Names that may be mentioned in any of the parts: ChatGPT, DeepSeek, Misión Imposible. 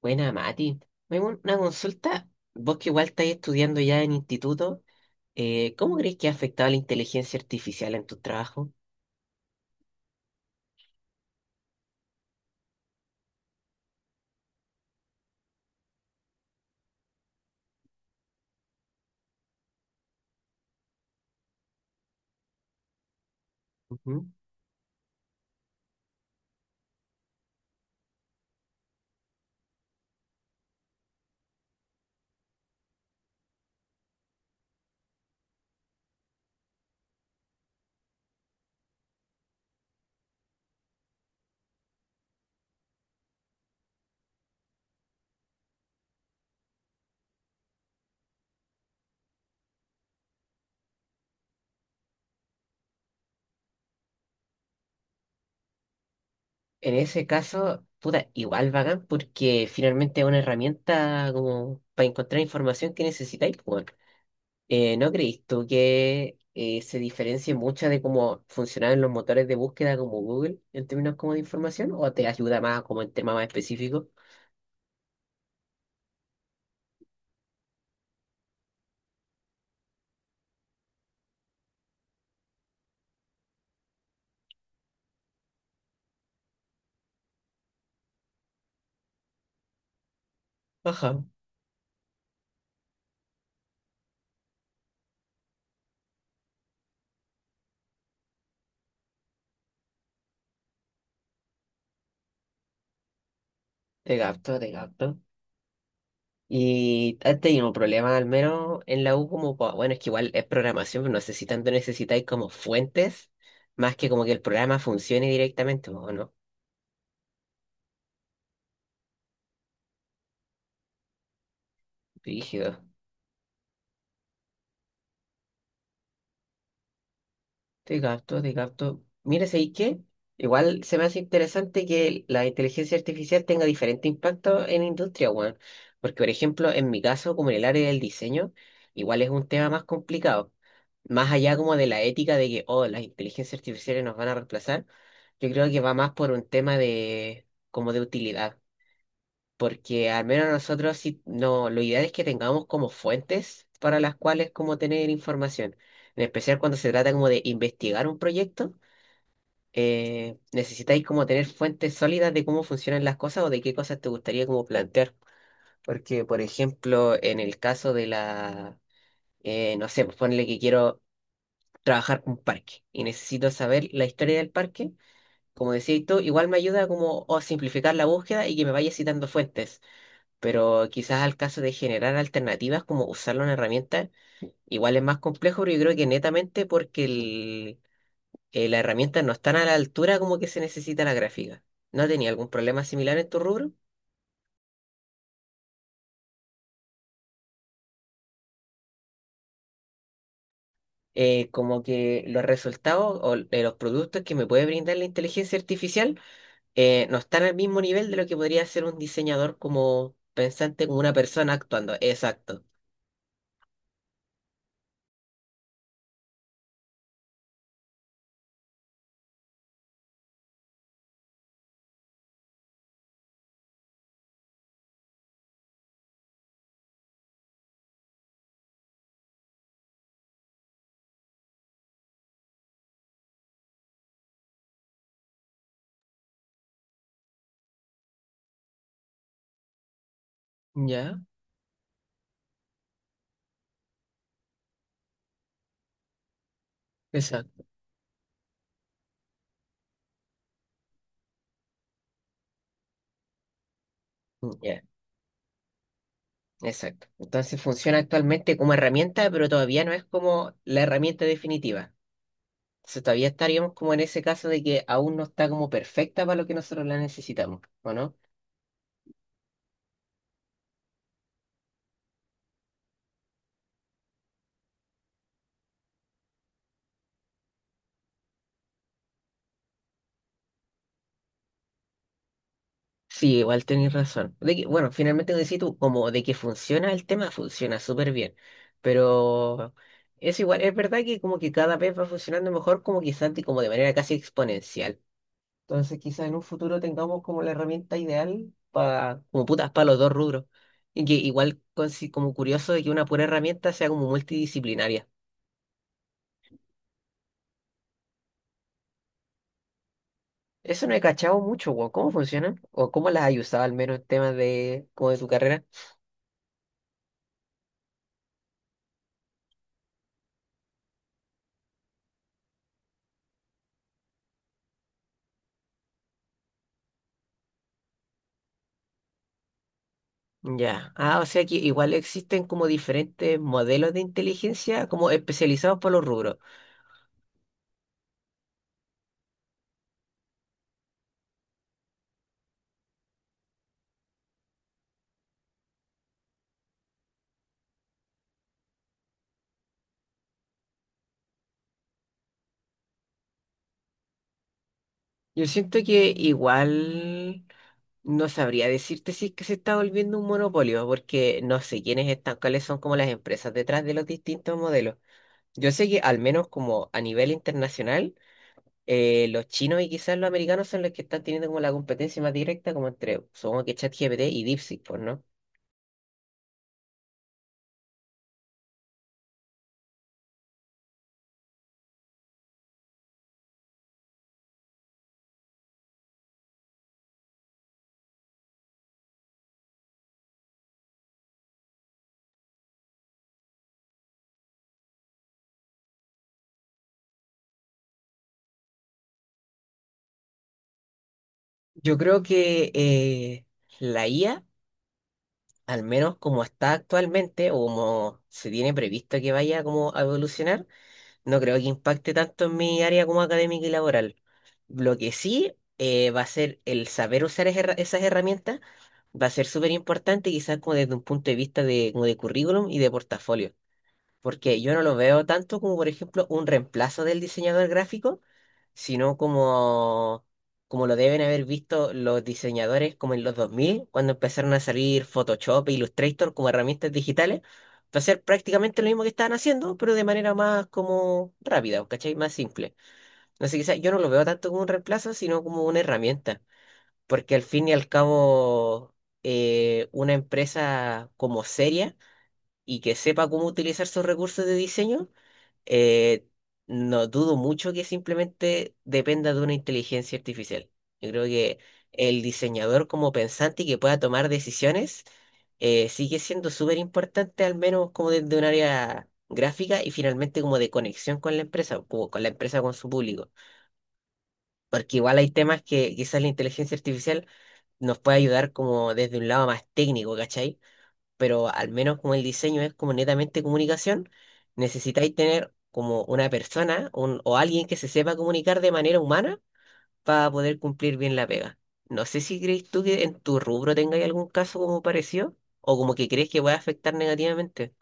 Buena, Mati. Me hago una consulta. Vos que igual estáis estudiando ya en instituto, ¿cómo crees que ha afectado la inteligencia artificial en tu trabajo? Ujú. En ese caso, puta, igual bacán, porque finalmente es una herramienta como para encontrar información que necesitáis, pues, weón. ¿No creís tú que se diferencie mucho de cómo funcionaban los motores de búsqueda como Google en términos como de información? ¿O te ayuda más como en temas más específicos? Ajá, te gasto, te gasto. ¿Y has tenido problemas al menos en la U como, bueno, es que igual es programación, pero no sé si tanto necesitáis como fuentes, más que como que el programa funcione directamente, ¿o no? Rígido. Te capto, te capto. Mira, ¿sabes qué? Igual se me hace interesante que la inteligencia artificial tenga diferente impacto en industria, weón. Porque, por ejemplo, en mi caso, como en el área del diseño, igual es un tema más complicado. Más allá como de la ética de que, oh, las inteligencias artificiales nos van a reemplazar, yo creo que va más por un tema de, como de utilidad, porque al menos nosotros sí, no, lo ideal es que tengamos como fuentes para las cuales como tener información. En especial cuando se trata como de investigar un proyecto, necesitáis como tener fuentes sólidas de cómo funcionan las cosas o de qué cosas te gustaría como plantear. Porque, por ejemplo, en el caso de la, no sé, pues ponle que quiero trabajar un parque y necesito saber la historia del parque. Como decías tú, igual me ayuda como a simplificar la búsqueda y que me vaya citando fuentes, pero quizás al caso de generar alternativas como usar una herramienta, igual es más complejo, pero yo creo que netamente porque el, las herramientas no están a la altura como que se necesita la gráfica. ¿No tenía algún problema similar en tu rubro? Como que los resultados o de los productos que me puede brindar la inteligencia artificial no están al mismo nivel de lo que podría hacer un diseñador como pensante, como una persona actuando. Exacto. Ya, exacto. Ya. Exacto. Entonces funciona actualmente como herramienta, pero todavía no es como la herramienta definitiva. Entonces todavía estaríamos como en ese caso de que aún no está como perfecta para lo que nosotros la necesitamos, ¿o no? Sí, igual tenés razón. De que, bueno, finalmente como decís tú, como de que funciona el tema, funciona súper bien. Pero es igual, es verdad que como que cada vez va funcionando mejor, como quizás como de manera casi exponencial. Entonces, quizás en un futuro tengamos como la herramienta ideal para, como putas, para los dos rubros. Y que igual, como curioso, de que una pura herramienta sea como multidisciplinaria. Eso no he cachado mucho, weón. ¿Cómo funcionan? ¿O cómo las has usado al menos en temas de, como de tu carrera? Ya. Ah, o sea que igual existen como diferentes modelos de inteligencia como especializados para los rubros. Yo siento que igual no sabría decirte si es que se está volviendo un monopolio, porque no sé quiénes están, cuáles son como las empresas detrás de los distintos modelos. Yo sé que al menos como a nivel internacional, los chinos y quizás los americanos son los que están teniendo como la competencia más directa, como entre, supongo que ChatGPT y DeepSeek, pues, ¿no? Yo creo que la IA, al menos como está actualmente, o como se tiene previsto que vaya como a evolucionar, no creo que impacte tanto en mi área como académica y laboral. Lo que sí, va a ser el saber usar esas herramientas, va a ser súper importante, quizás como desde un punto de vista de, como de currículum y de portafolio, porque yo no lo veo tanto como, por ejemplo, un reemplazo del diseñador gráfico, sino como, como lo deben haber visto los diseñadores como en los 2000 cuando empezaron a salir Photoshop e Illustrator como herramientas digitales, para hacer prácticamente lo mismo que estaban haciendo, pero de manera más como rápida, ¿cachai? Más simple. Entonces quizás yo no lo veo tanto como un reemplazo, sino como una herramienta, porque al fin y al cabo, una empresa como seria y que sepa cómo utilizar sus recursos de diseño, eh, no dudo mucho que simplemente dependa de una inteligencia artificial. Yo creo que el diseñador como pensante y que pueda tomar decisiones sigue siendo súper importante, al menos como desde un área gráfica y finalmente como de conexión con la empresa, o con la empresa con su público. Porque igual hay temas que quizás la inteligencia artificial nos puede ayudar como desde un lado más técnico, ¿cachai? Pero al menos como el diseño es como netamente comunicación, necesitáis tener como una persona o alguien que se sepa comunicar de manera humana para poder cumplir bien la pega. No sé si crees tú que en tu rubro tengáis algún caso como parecido o como que crees que puede afectar negativamente.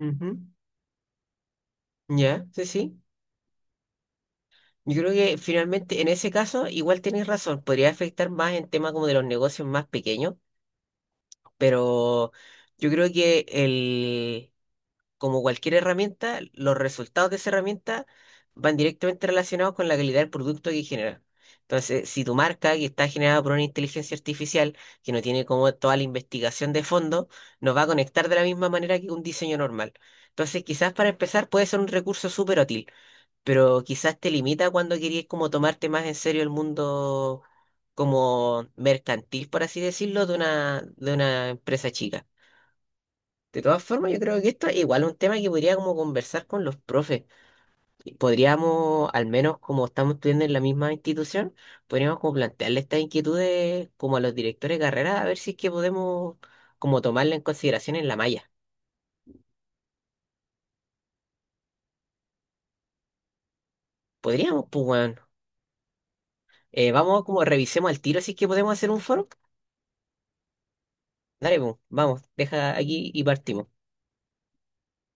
Ujú. Ya, sí, sí. Yo creo que finalmente en ese caso igual tienes razón, podría afectar más en temas como de los negocios más pequeños, pero yo creo que como cualquier herramienta, los resultados de esa herramienta van directamente relacionados con la calidad del producto que genera. Entonces, si tu marca, que está generada por una inteligencia artificial, que no tiene como toda la investigación de fondo, nos va a conectar de la misma manera que un diseño normal. Entonces, quizás para empezar puede ser un recurso súper útil, pero quizás te limita cuando querías como tomarte más en serio el mundo como mercantil, por así decirlo, de una empresa chica. De todas formas, yo creo que esto es igual un tema que podría como conversar con los profes. Y podríamos, al menos como estamos estudiando en la misma institución, podríamos como plantearle estas inquietudes como a los directores de carrera, a ver si es que podemos como tomarla en consideración en la malla. Podríamos, pues bueno. Vamos como revisemos al tiro si es que podemos hacer un foro. Dale, pues, vamos, deja aquí y partimos.